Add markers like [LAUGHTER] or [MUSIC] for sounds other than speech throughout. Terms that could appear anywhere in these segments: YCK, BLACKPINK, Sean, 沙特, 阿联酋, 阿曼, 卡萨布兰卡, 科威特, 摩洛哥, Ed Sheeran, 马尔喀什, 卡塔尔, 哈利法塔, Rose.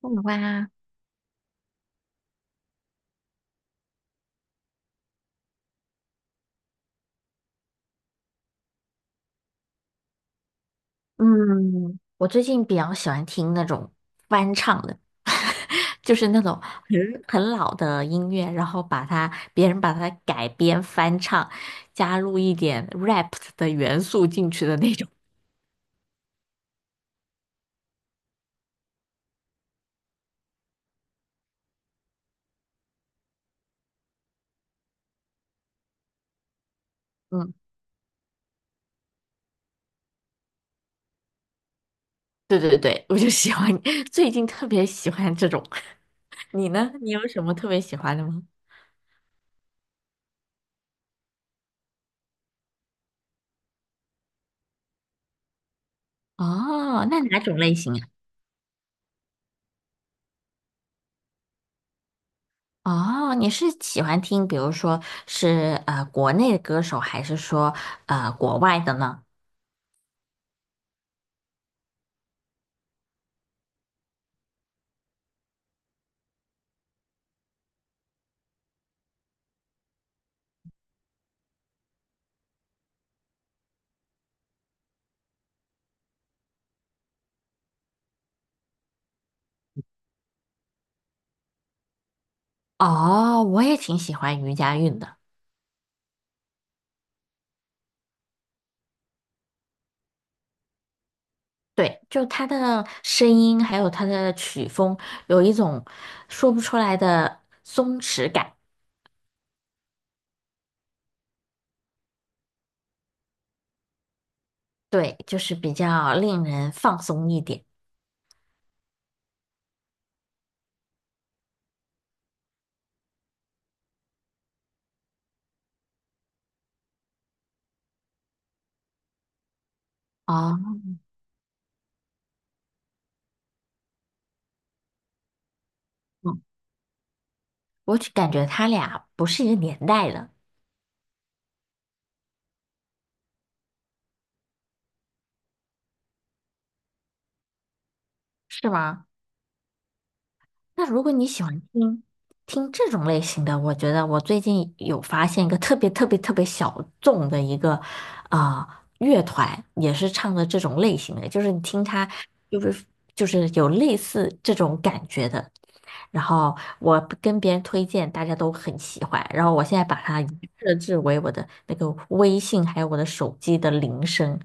我的话，嗯，我最近比较喜欢听那种翻唱的，[LAUGHS] 就是那种很老的音乐，然后别人把它改编翻唱，加入一点 rap 的元素进去的那种。嗯，对对对，我就喜欢，[LAUGHS] 最近特别喜欢这种。[LAUGHS] 你呢？你有什么特别喜欢的吗？哦，那哪种类型啊？哦，你是喜欢听，比如说是国内的歌手，还是说国外的呢？哦，我也挺喜欢余佳运的。对，就她的声音，还有她的曲风，有一种说不出来的松弛感。对，就是比较令人放松一点。哦，我只感觉他俩不是一个年代的，是吗？那如果你喜欢听这种类型的，我觉得我最近有发现一个特别特别特别小众的一个啊、呃乐团，也是唱的这种类型的，就是你听它就是就是有类似这种感觉的。然后我跟别人推荐，大家都很喜欢。然后我现在把它设置为我的那个微信，还有我的手机的铃声，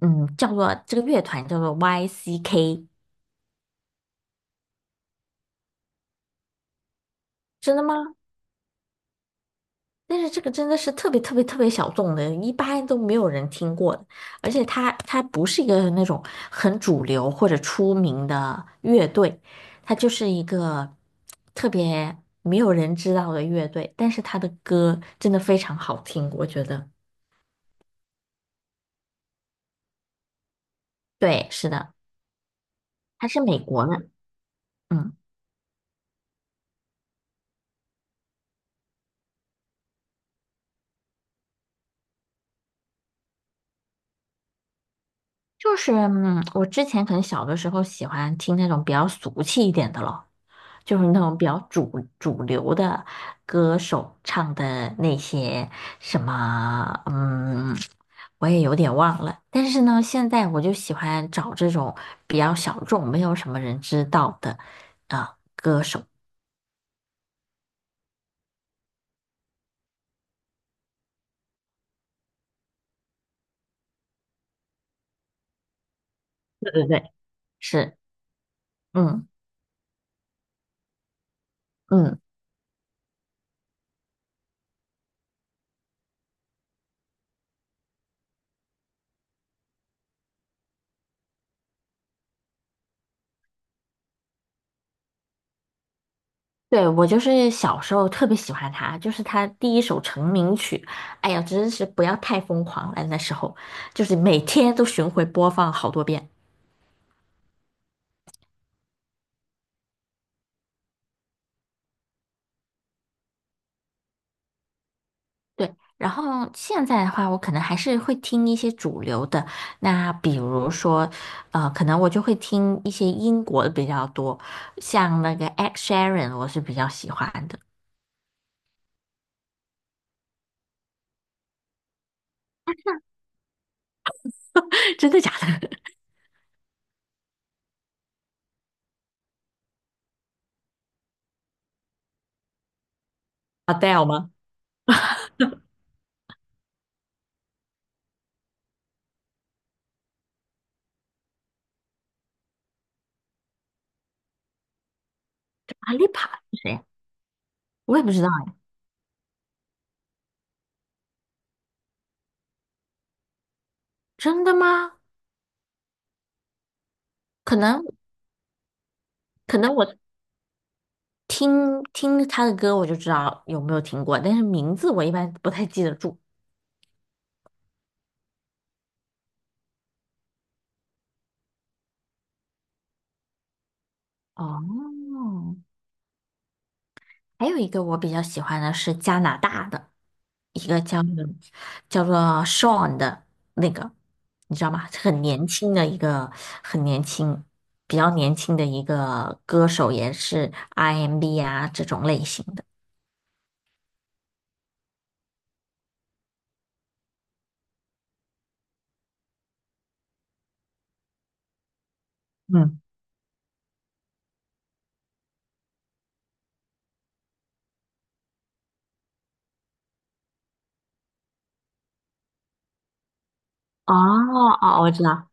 嗯，叫做这个乐团叫做 YCK,真的吗？但是这个真的是特别特别特别小众的，一般都没有人听过的。而且它不是一个那种很主流或者出名的乐队，它就是一个特别没有人知道的乐队。但是它的歌真的非常好听，我觉得。对，是的，它是美国的，嗯，就是嗯，我之前可能小的时候喜欢听那种比较俗气一点的咯。就是那种比较主流的歌手唱的那些什么，嗯，我也有点忘了。但是呢，现在我就喜欢找这种比较小众、没有什么人知道的啊。对对对，是，嗯嗯，对，我就是小时候特别喜欢他，就是他第一首成名曲，哎呀，真是不要太疯狂了，那时候就是每天都巡回播放好多遍。对，然后现在的话，我可能还是会听一些主流的。那比如说，可能我就会听一些英国的比较多，像那个 Ed Sheeran,我是比较喜欢的。[LAUGHS] 真的假的 d a [LAUGHS] 吗？阿丽帕是谁啊？我也不知道哎。真的吗？可能可能我听听他的歌，我就知道有没有听过，但是名字我一般不太记得住。哦，还有一个我比较喜欢的是加拿大的。一个叫叫做 Sean 的那个，你知道吗？很年轻的一个，很年轻，比较年轻的一个歌手，也是 R&B 啊这种类型的。嗯，哦哦，我知道。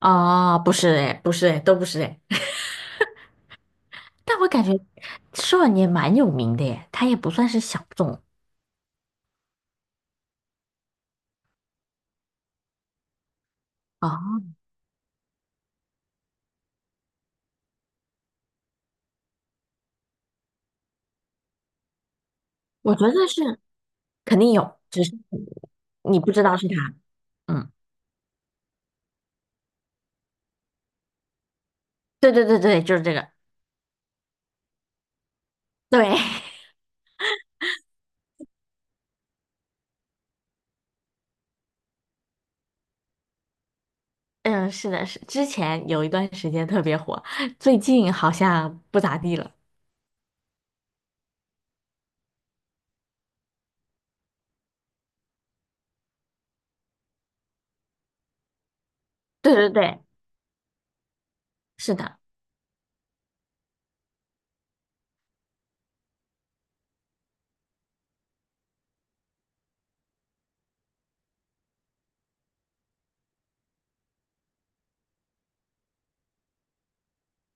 哦，不是哎，不是哎，都不是哎。[LAUGHS] 但我感觉 Sean 也蛮有名的耶，他也不算是小众哦，我觉得是肯定有，只是你不知道是他。嗯，对对对对，就是这个。对，[LAUGHS] 嗯，是的，是之前有一段时间特别火，最近好像不咋地了。对对对，是的，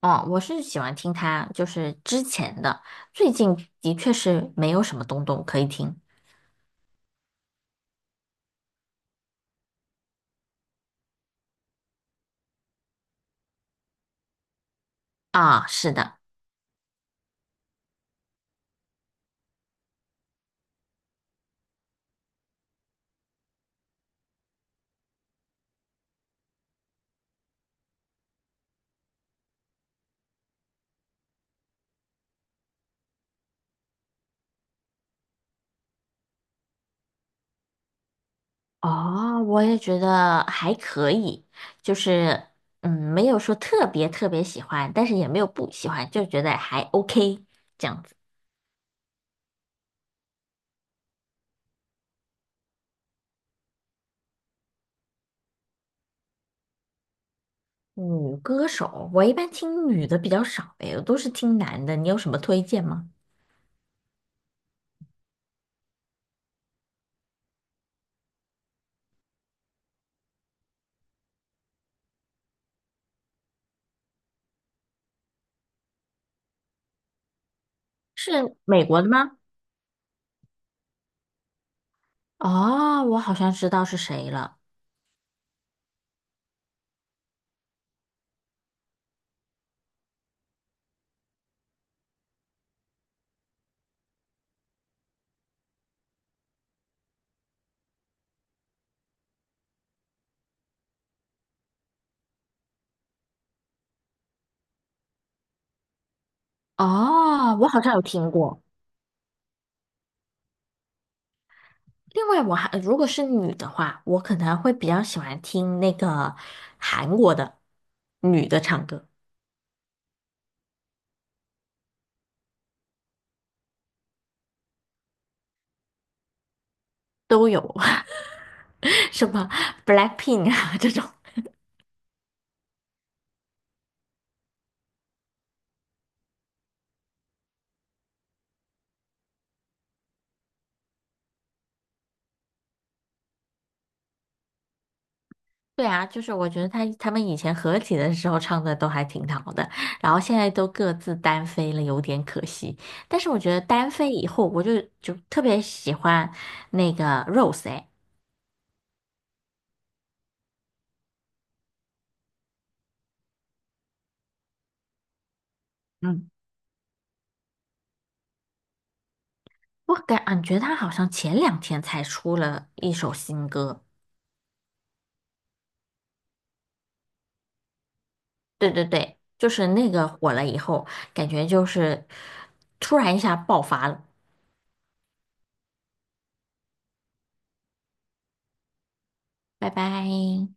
哦，我是喜欢听他，就是之前的，最近的确是没有什么东东可以听啊。是的，哦，我也觉得还可以，就是嗯，没有说特别特别喜欢，但是也没有不喜欢，就觉得还 OK 这样子。女歌手，我一般听女的比较少，哎，我都是听男的，你有什么推荐吗？是美国的吗？哦，我好像知道是谁了。哦，我好像有听过。另外，我还如果是女的话，我可能会比较喜欢听那个韩国的女的唱歌，都有 [LAUGHS] 什么 BLACKPINK 啊这种。对啊，就是我觉得他们以前合体的时候唱的都还挺好的，然后现在都各自单飞了，有点可惜。但是我觉得单飞以后，我就特别喜欢那个 Rose 哎。我感觉他好像前两天才出了一首新歌，对对对，就是那个火了以后，感觉就是突然一下爆发了。拜拜。